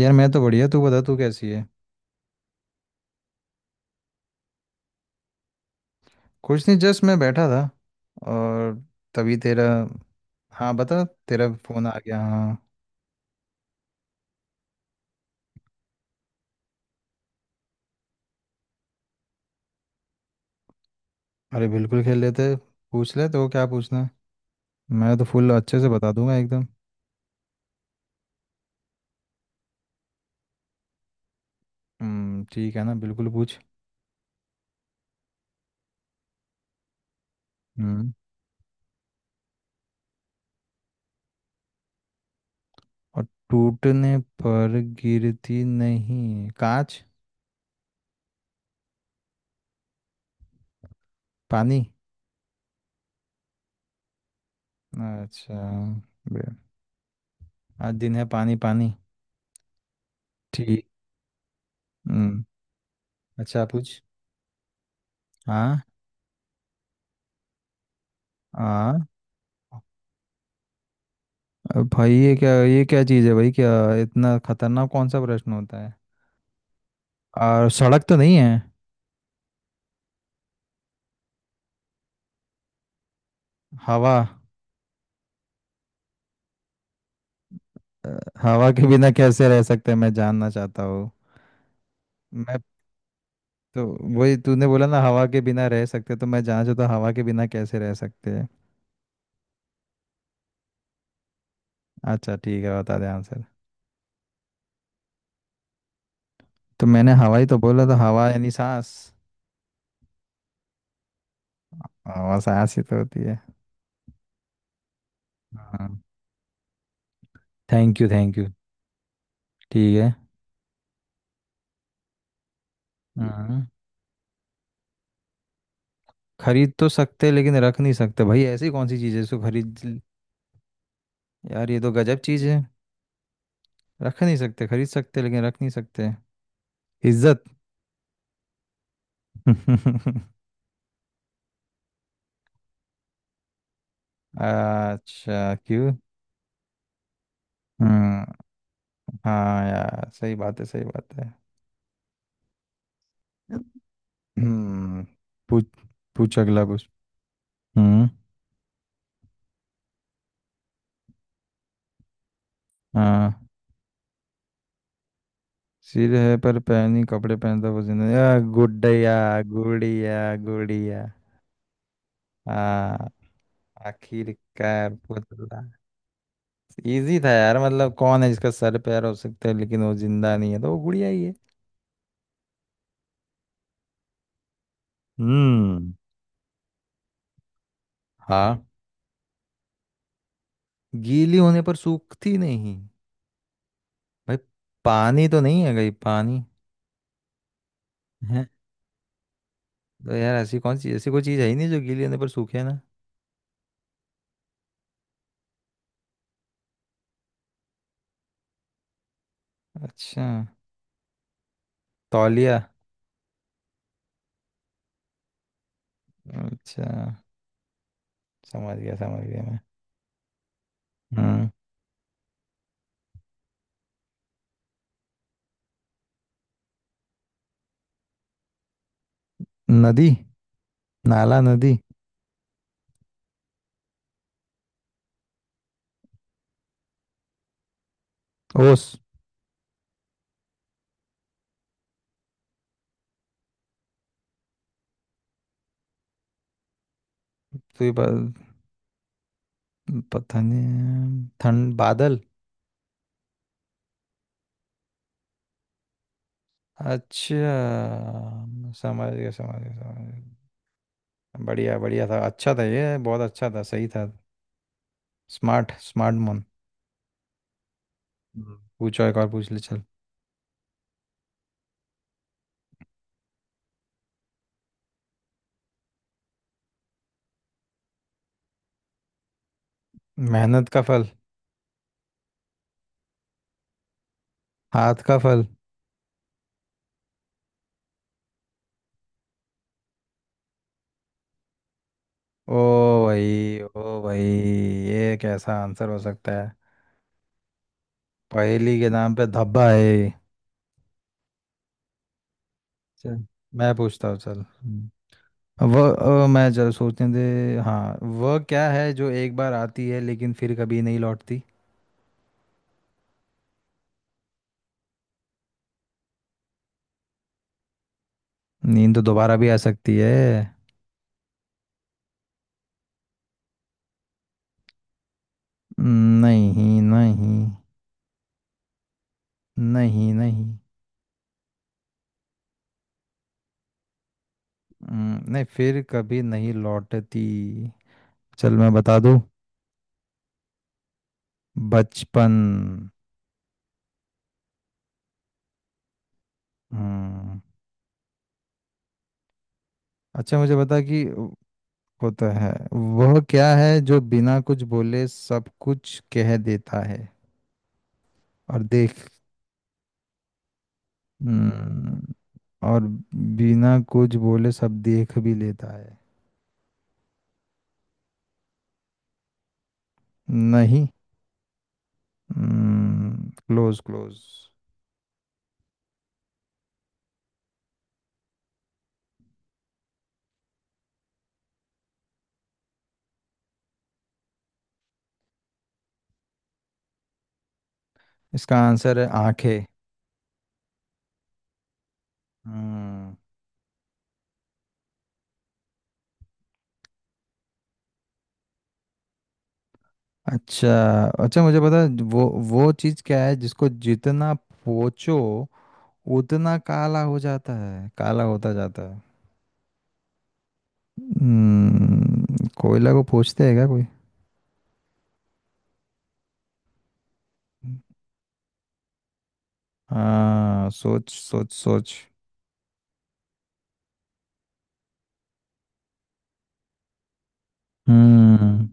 यार मैं तो बढ़िया। तू बता, तू कैसी है? कुछ नहीं, जस्ट मैं बैठा था और तभी तेरा, हाँ बता, तेरा फोन आ गया। हाँ, अरे बिल्कुल खेल लेते। पूछ ले तो, क्या पूछना है? मैं तो फुल अच्छे से बता दूंगा एकदम। हम्म, ठीक है ना, बिल्कुल पूछ। हम्म, और टूटने पर गिरती नहीं, कांच। पानी। अच्छा। बे- आज दिन है पानी पानी। ठीक। हम्म। अच्छा पूछ। हाँ। हाँ, अब भाई ये क्या, ये क्या चीज़ है भाई, क्या इतना खतरनाक कौन सा प्रश्न होता है? और सड़क तो नहीं है। हवा। अ, हवा के बिना कैसे रह सकते हैं, मैं जानना चाहता हूँ। मैं तो वही तूने बोला ना, हवा के बिना रह सकते, तो मैं जानना चाहता हूँ हवा के बिना कैसे रह सकते हैं। अच्छा ठीक है, बता दे आंसर। तो मैंने हवा ही तो बोला, तो हवा यानी सांस। हवा सांस ही तो होती है। हाँ, थैंक यू थैंक यू। ठीक है। हाँ, खरीद तो सकते लेकिन रख नहीं सकते, भाई ऐसी कौन सी चीज़ है, इसको खरीद। यार ये तो गजब चीज है। रख नहीं सकते, खरीद सकते लेकिन रख नहीं सकते। इज्जत। अच्छा, क्यों? हम्म। हाँ यार, सही बात है, सही बात है। हम्म। पूछ, पूछ अगला कुछ। हम्म। हाँ, सिर है पर पहनी कपड़े पहनता वो जिंदा, या गुड्डया, गुड़िया गुड़िया। हाँ, आखिरकार पुतला। इजी था यार, मतलब कौन है जिसका सर पैर हो सकता है लेकिन वो जिंदा नहीं है, तो वो गुड़िया ही है। हम्म। हाँ, गीली होने पर सूखती नहीं। भाई, पानी तो नहीं है कहीं, पानी है? तो यार, ऐसी कौन सी ऐसी कोई चीज़ है ही नहीं जो गीली होने पर सूखे ना। अच्छा, तौलिया। अच्छा, समझ गया मैं। हम्म। नदी, नाला नदी। ओस। तो ये प- पता नहीं, ठंड, बादल। अच्छा, समझ गया समझ गया समझ गया। बढ़िया, बढ़िया था, अच्छा था, ये बहुत अच्छा था, सही था। स्मार्ट स्मार्ट मन। पूछो एक और, पूछ ले चल। मेहनत का फल। हाथ का फल। ओ भाई, ओ भाई, ये कैसा आंसर हो सकता है? पहेली के नाम पे धब्बा है ये। चल मैं पूछता हूँ, चल। वह मैं, चल सोचने दे। हाँ, वह क्या है जो एक बार आती है लेकिन फिर कभी नहीं लौटती? नींद तो दोबारा भी आ सकती है। नहीं नहीं। नहीं नहीं। नहीं, फिर कभी नहीं लौटती। चल मैं बता दूँ, बचपन। हम्म। अच्छा मुझे बता कि होता है, वह क्या है जो बिना कुछ बोले सब कुछ कह देता है और देख, हम्म, और बिना कुछ बोले सब देख भी लेता है? नहीं। Close close. इसका आंसर है आंखें। हम्म। अच्छा। अच्छा मुझे पता है, वो चीज़ क्या है जिसको जितना पोंछो उतना काला हो जाता है, काला होता जाता है। हम्म, कोयला को पूछते हैं क्या कोई? हाँ सोच, सोच सोच। हम्म।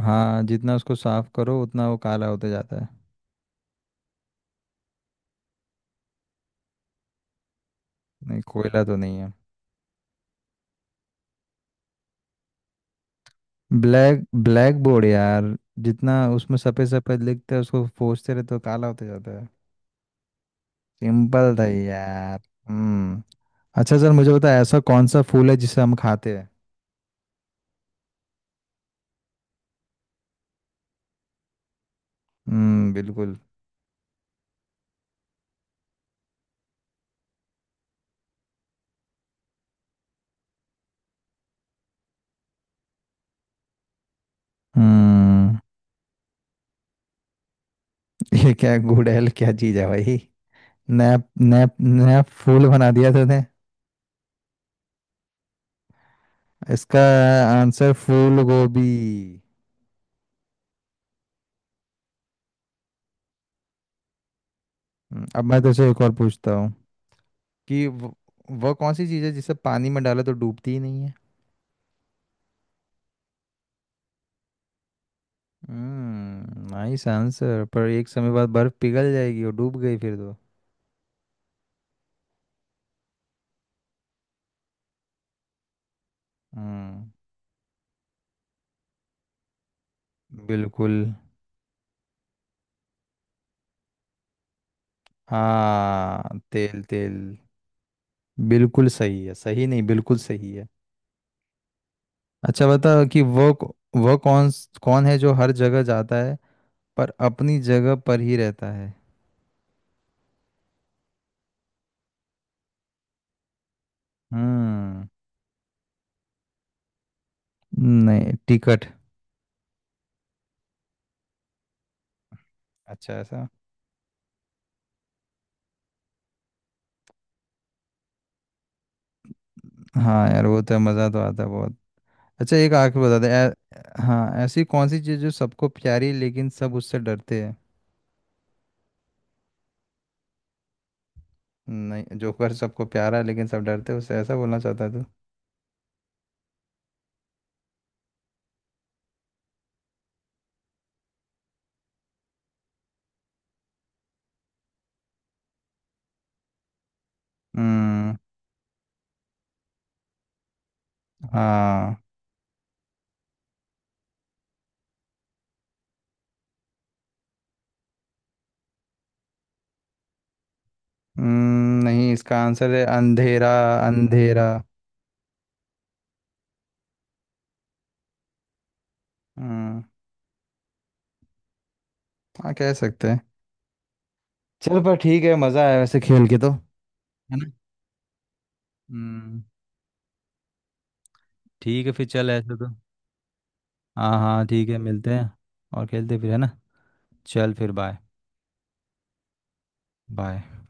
हाँ, जितना उसको साफ करो उतना वो काला होता जाता है। नहीं, कोयला तो नहीं है। ब्लैक ब्लैक बोर्ड यार, जितना उसमें सफेद सफेद लिखते हैं, उसको पोंछते रहे तो काला होता जाता है। सिंपल था ये यार। हम्म। अच्छा सर, मुझे बताया ऐसा कौन सा फूल है जिसे हम खाते हैं? हम्म, बिल्कुल। हम्म। ये क्या गुड़हल, क्या चीज है भाई? नया नया नया फूल बना दिया तूने। इसका आंसर फूल गोभी। अब मैं तुझसे एक और पूछता हूँ कि वो कौन सी चीज़ है जिसे पानी में डाला तो डूबती ही नहीं है? हम्म, नाइस आंसर, पर एक समय बाद बर्फ पिघल जाएगी और डूब गई फिर तो। हम्म। बिल्कुल। हाँ, तेल तेल। बिल्कुल सही है, सही नहीं बिल्कुल सही है। अच्छा बता कि वो कौन, कौन है जो हर जगह जाता है पर अपनी जगह पर ही रहता है? हम्म। नहीं, टिकट। अच्छा ऐसा। हाँ यार, वो तो मज़ा तो आता है बहुत। अच्छा, एक आखिरी बता दे। हाँ, ऐसी कौन सी चीज़ जो सबको प्यारी है, लेकिन सब उससे डरते हैं? नहीं, जोकर सबको प्यारा है लेकिन सब डरते हैं उससे, ऐसा बोलना चाहता है तू? हम्म। हाँ। हम्म, नहीं, इसका आंसर है अंधेरा, अंधेरा। हम्म। हाँ, कह सकते हैं। चल, पर ठीक है, मज़ा आया वैसे खेल के, तो है ना। हम्म, ठीक है फिर, चल ऐसा तो। हाँ हाँ, ठीक है, मिलते हैं और खेलते हैं फिर, है ना। चल फिर, बाय बाय।